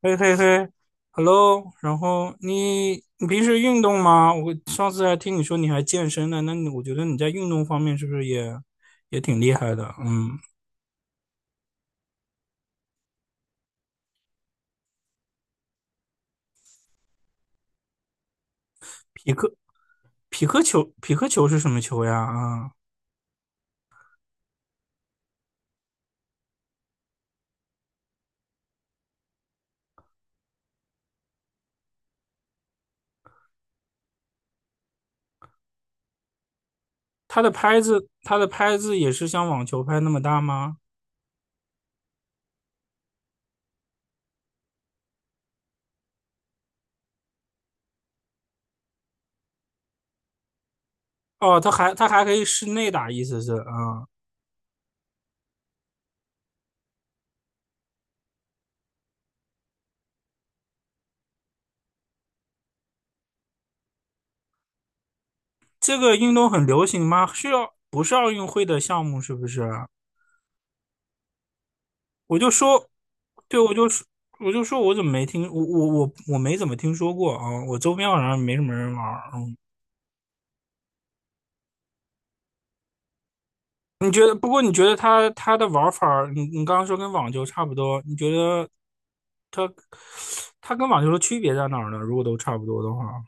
嘿嘿嘿，Hello，然后你平时运动吗？我上次还听你说你还健身呢，那你我觉得你在运动方面是不是也挺厉害的？嗯，匹克匹克球是什么球呀？啊，它的拍子也是像网球拍那么大吗？哦，它还可以室内打，意思是啊，这个运动很流行吗？是要不是奥运会的项目是不是啊？我就说，对，我就说我怎么没听，我没怎么听说过啊，我周边好像没什么人玩儿。嗯。你觉得？不过你觉得它的玩法儿你刚刚说跟网球差不多，你觉得它跟网球的区别在哪儿呢？如果都差不多的话，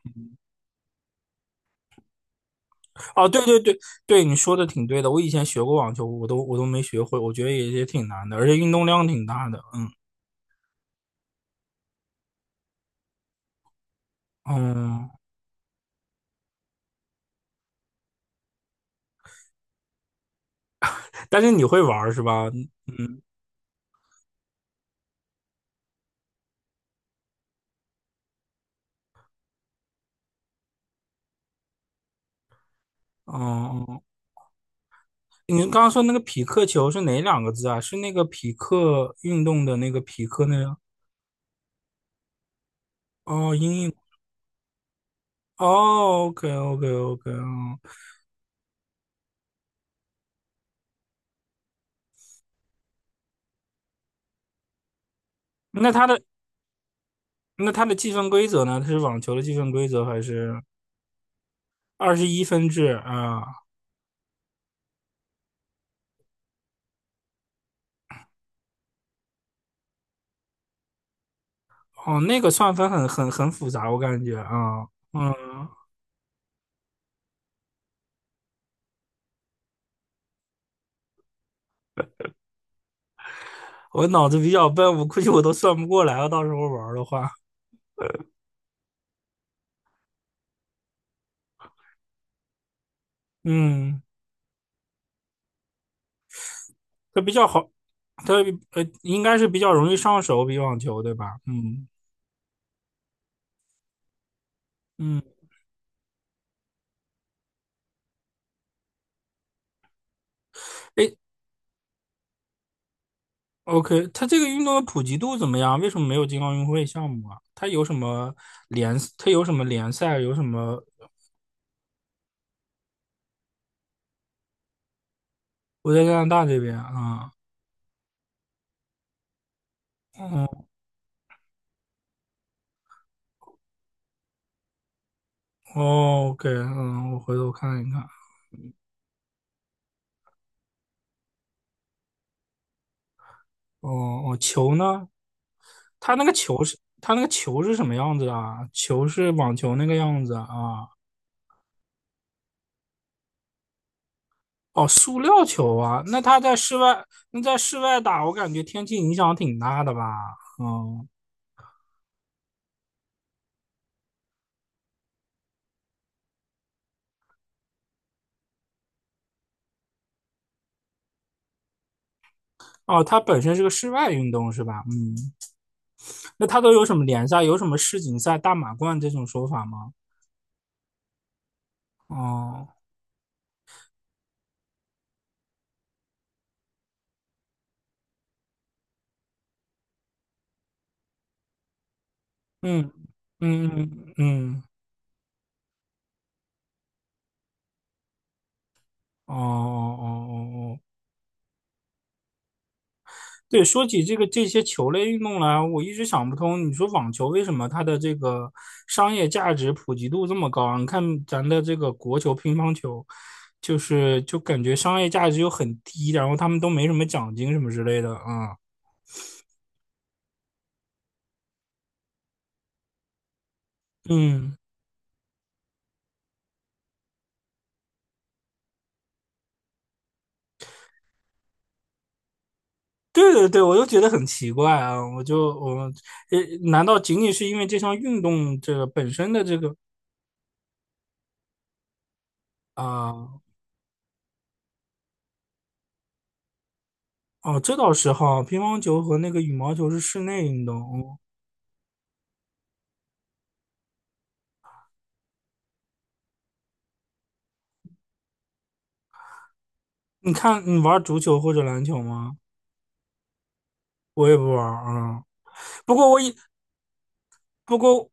哦，对对对对，你说的挺对的。我以前学过网球，我都没学会，我觉得也挺难的，而且运动量挺大的。嗯嗯，但是你会玩儿是吧？嗯嗯。嗯。你刚刚说那个匹克球是哪两个字啊？是那个匹克运动的那个匹克那个？哦，英译，哦，OK OK OK，哦，那它的那它的计分规则呢？它是网球的计分规则还是21分制啊？哦，那个算分很复杂，我感觉啊，嗯，我脑子比较笨，我估计我都算不过来了，到时候玩儿的话，嗯，它比较好，它应该是比较容易上手，比网球对吧？嗯嗯。哎，OK，它这个运动的普及度怎么样？为什么没有进奥运会项目啊？它有什么联赛？有什么？我在加拿大这边啊，嗯，哦，OK，嗯，我回头看一看。哦哦，球呢？它那个球是什么样子啊？球是网球那个样子啊？哦，塑料球啊？那在室外打，我感觉天气影响挺大的吧？嗯，哦，它本身是个室外运动是吧？嗯。那它都有什么联赛？有什么世锦赛、大满贯这种说法吗？哦，嗯嗯嗯嗯，哦哦哦哦哦，对，说起这些球类运动来，我一直想不通，你说网球为什么它的这个商业价值普及度这么高啊？你看咱的这个国球、乒乓球，就是感觉商业价值又很低，然后他们都没什么奖金什么之类的啊，嗯。对对对，我就觉得很奇怪啊！我就我呃，难道仅仅是因为这项运动这个本身的这个啊、哦，这倒是哈，乒乓球和那个羽毛球是室内运动。哦，你看，你玩足球或者篮球吗？我也不玩啊、嗯。不过我也不过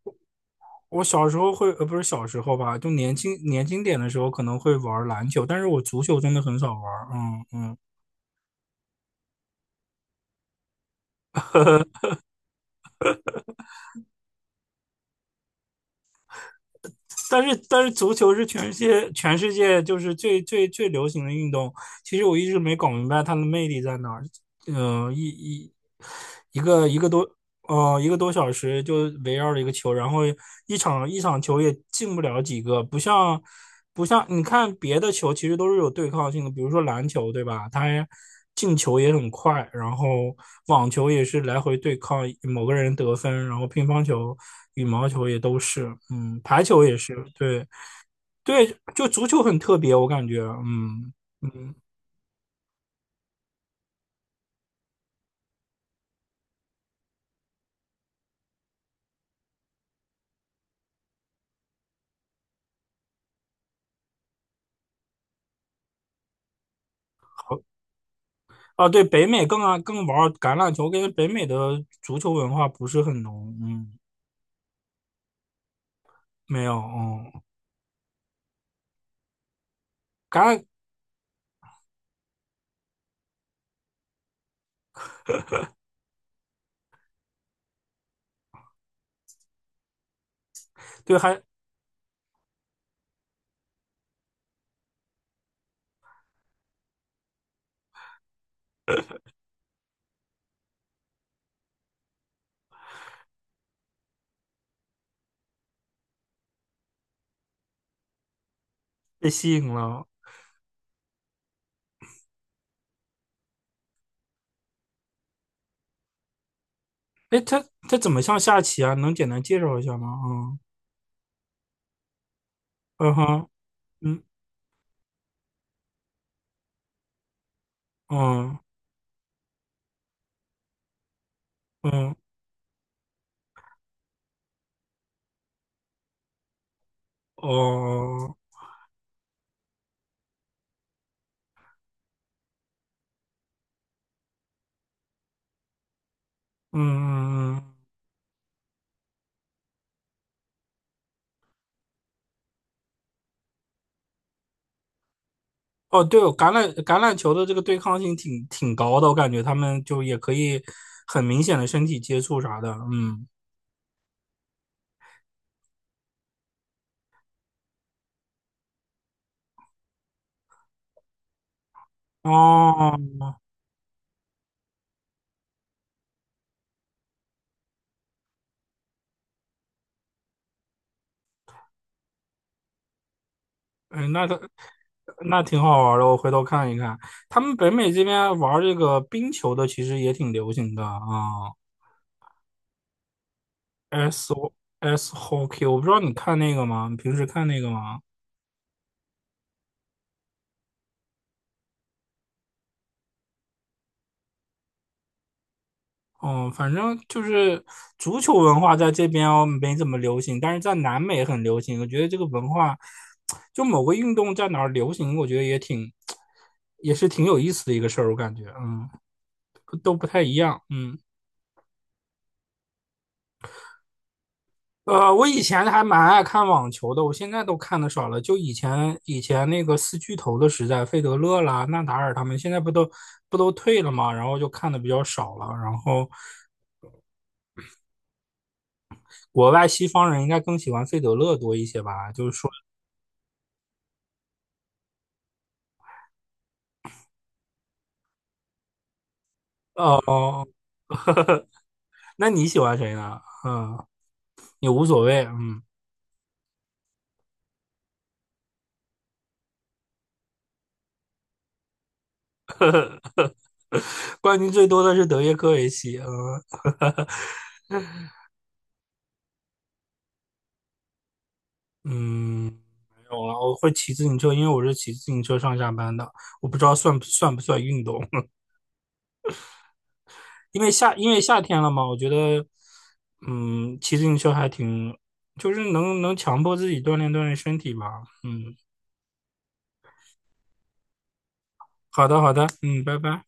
我小时候会不是小时候吧，就年轻点的时候可能会玩篮球，但是我足球真的很少玩。嗯嗯。但是足球是全世界就是最流行的运动，其实我一直没搞明白它的魅力在哪儿。嗯、呃一一一个一个多一个多小时就围绕着一个球，然后一场球也进不了几个，不像你看别的球其实都是有对抗性的，比如说篮球，对吧？它进球也很快，然后网球也是来回对抗某个人得分，然后乒乓球、羽毛球也都是，嗯，排球也是，对对，就足球很特别，我感觉，嗯，好啊，对，北美更玩橄榄球，跟北美的足球文化不是很浓，嗯，没有，嗯。橄榄对，还被吸引了。哎，它怎么像下棋啊？能简单介绍一下吗？嗯嗯哼，嗯嗯嗯，哦，嗯嗯嗯嗯，哦，对哦，橄榄球的这个对抗性挺高的，我感觉他们就也可以很明显的身体接触啥的。嗯，哦，哎，那挺好玩的，我回头看一看。他们北美这边玩这个冰球的其实也挺流行的啊。SOS Hockey，我不知道你看那个吗？你平时看那个吗？嗯，反正就是足球文化在这边哦没怎么流行，但是在南美很流行。我觉得这个文化，就某个运动在哪儿流行，我觉得也挺，也是挺有意思的一个事儿。我感觉，嗯，都不太一样，嗯。我以前还蛮爱看网球的，我现在都看的少了。就以前那个四巨头的时代，费德勒啦、纳达尔他们，现在不都退了吗？然后就看的比较少了。然后国外西方人应该更喜欢费德勒多一些吧？就是说，哦，那你喜欢谁呢？嗯，也无所谓。嗯，冠军最多的是德约科维奇。嗯嗯，没有了。我会骑自行车，因为我是骑自行车上下班的。我不知道算不算运动。因为夏天了嘛，我觉得，嗯，骑自行车还挺，就是能强迫自己锻炼锻炼身体吧。嗯，好的好的，嗯，拜拜。